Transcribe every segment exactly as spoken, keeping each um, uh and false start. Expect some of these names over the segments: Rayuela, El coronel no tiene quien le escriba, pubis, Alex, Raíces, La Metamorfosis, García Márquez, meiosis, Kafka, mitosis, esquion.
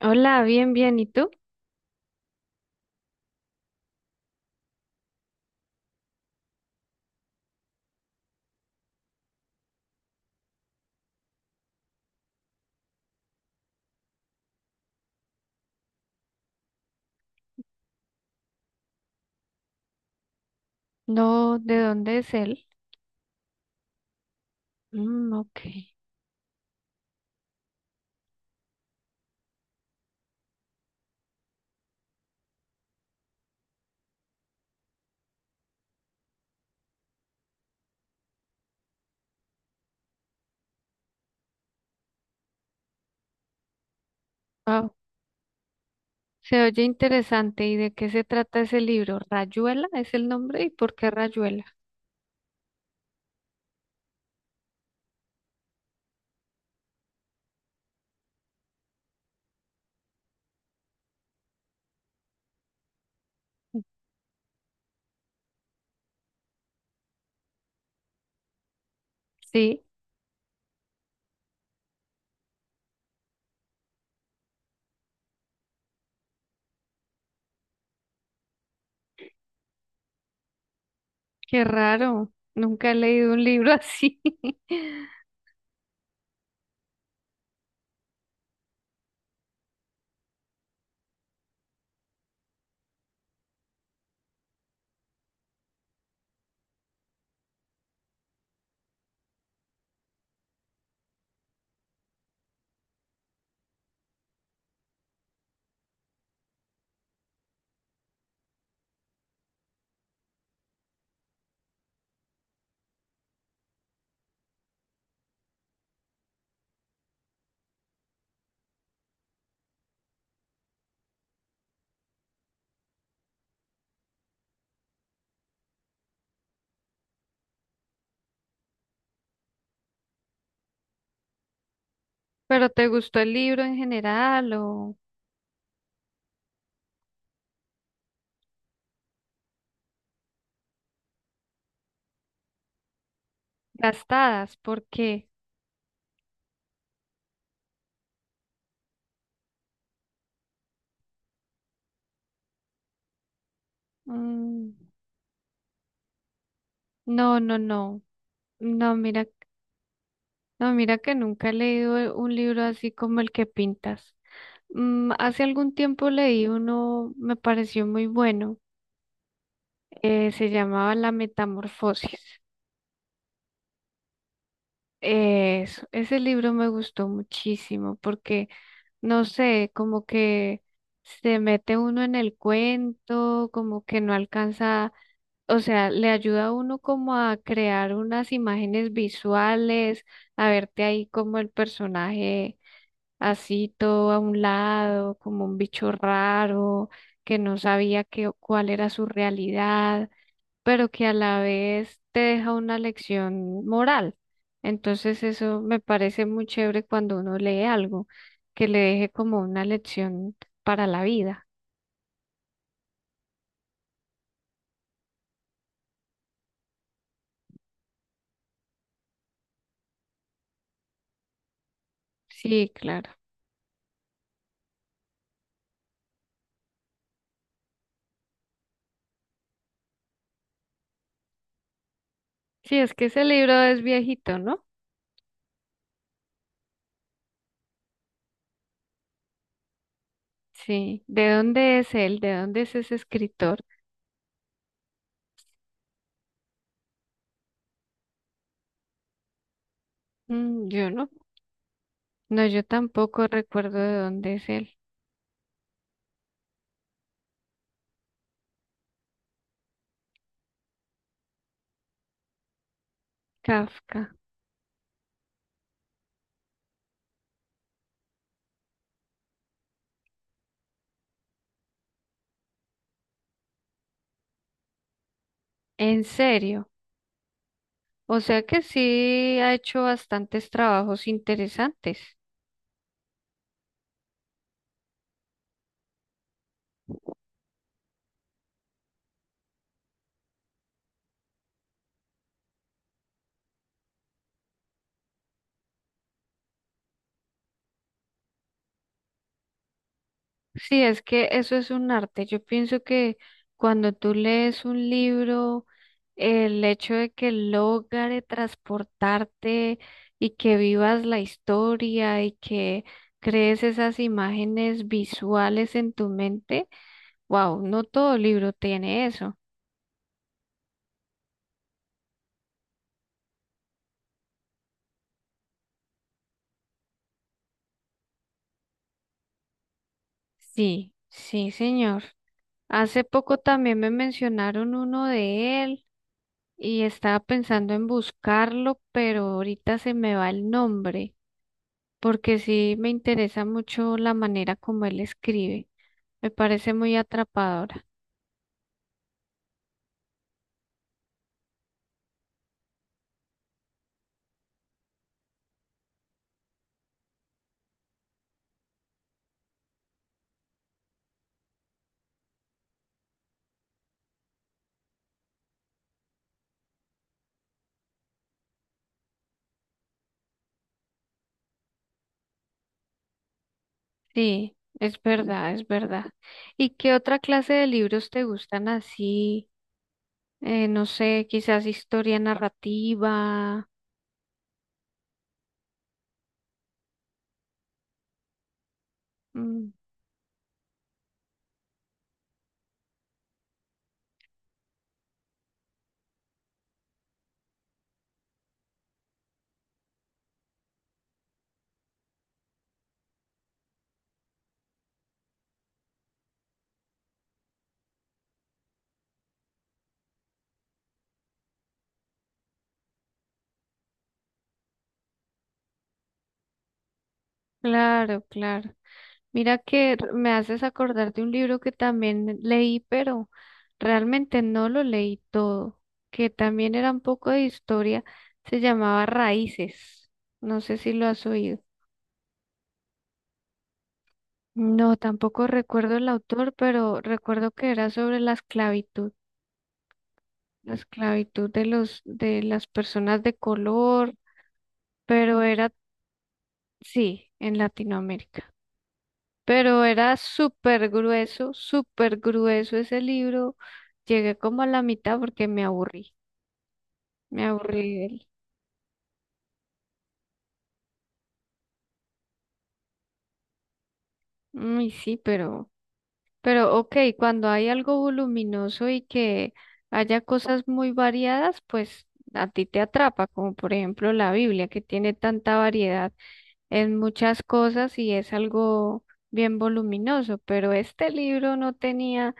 Hola, bien, bien. ¿Y tú? No, ¿de dónde es él? Mm, ok. Wow, se oye interesante. ¿Y de qué se trata ese libro? ¿Rayuela es el nombre? ¿Y por qué Rayuela? Sí, qué raro. Nunca he leído un libro así. ¿Pero te gustó el libro en general o gastadas? ¿Por qué? Mm, no, no, no. No, mira. No, mira que nunca he leído un libro así como el que pintas. Mm, hace algún tiempo leí uno, me pareció muy bueno, eh, se llamaba La Metamorfosis. Eso, ese libro me gustó muchísimo porque, no sé, como que se mete uno en el cuento, como que no alcanza, o sea, le ayuda a uno como a crear unas imágenes visuales, a verte ahí como el personaje, así todo a un lado, como un bicho raro, que no sabía qué- cuál era su realidad, pero que a la vez te deja una lección moral. Entonces eso me parece muy chévere cuando uno lee algo, que le deje como una lección para la vida. Sí, claro. Sí, es que ese libro es viejito, ¿no? Sí. ¿De dónde es él? ¿De dónde es ese escritor? Mm, yo no. No, yo tampoco recuerdo de dónde es él. Kafka. En serio, o sea que sí ha hecho bastantes trabajos interesantes. Sí, es que eso es un arte. Yo pienso que cuando tú lees un libro, el hecho de que logre transportarte y que vivas la historia y que crees esas imágenes visuales en tu mente, wow, no todo libro tiene eso. Sí, sí, señor. Hace poco también me mencionaron uno de él y estaba pensando en buscarlo, pero ahorita se me va el nombre, porque sí me interesa mucho la manera como él escribe. Me parece muy atrapadora. Sí, es verdad, es verdad. ¿Y qué otra clase de libros te gustan así? Eh, no sé, quizás historia narrativa. Mm, claro, claro. Mira que r- me haces acordar de un libro que también leí, pero realmente no lo leí todo, que también era un poco de historia. Se llamaba Raíces. No sé si lo has oído. No, tampoco recuerdo el autor, pero recuerdo que era sobre la esclavitud. La esclavitud de los, de las personas de color, pero era, sí, en Latinoamérica. Pero era súper grueso, súper grueso ese libro. Llegué como a la mitad porque me aburrí, me aburrí de él. Mm, y sí, pero, pero ok, cuando hay algo voluminoso y que haya cosas muy variadas, pues a ti te atrapa, como por ejemplo la Biblia, que tiene tanta variedad en muchas cosas y es algo bien voluminoso, pero este libro no tenía,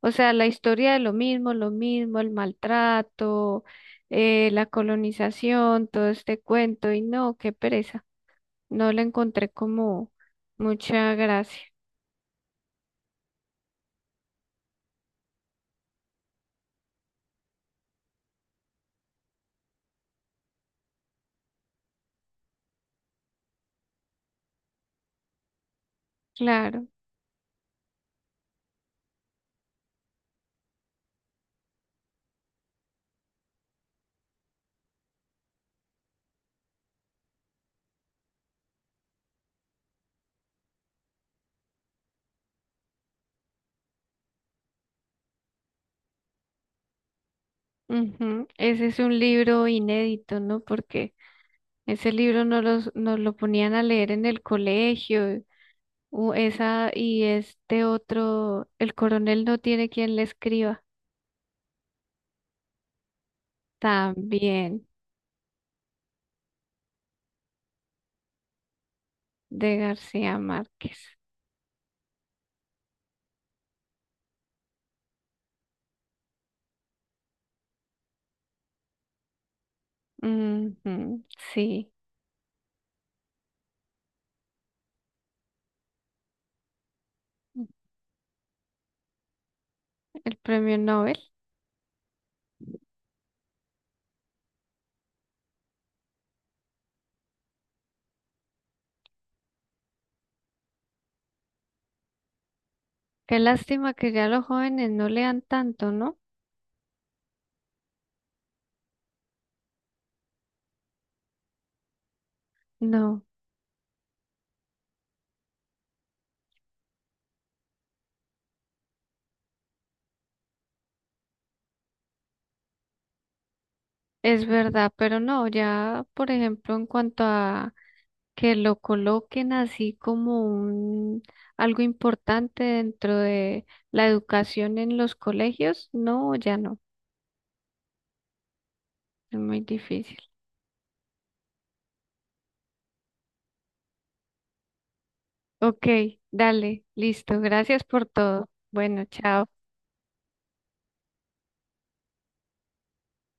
o sea, la historia de lo mismo, lo mismo, el maltrato, eh, la colonización, todo este cuento, y no, qué pereza, no le encontré como mucha gracia, claro. Ujú, ese es un libro inédito, ¿no? Porque ese libro no los, nos lo ponían a leer en el colegio. Uh, esa y este otro, El coronel no tiene quien le escriba. También de García Márquez. Ujú, sí, el premio Nobel. Qué lástima que ya los jóvenes no lean tanto, ¿no? No, es verdad, pero no, ya, por ejemplo, en cuanto a que lo coloquen así como un algo importante dentro de la educación en los colegios, no, ya no, es muy difícil. Ok, dale, listo. Gracias por todo. Bueno, chao.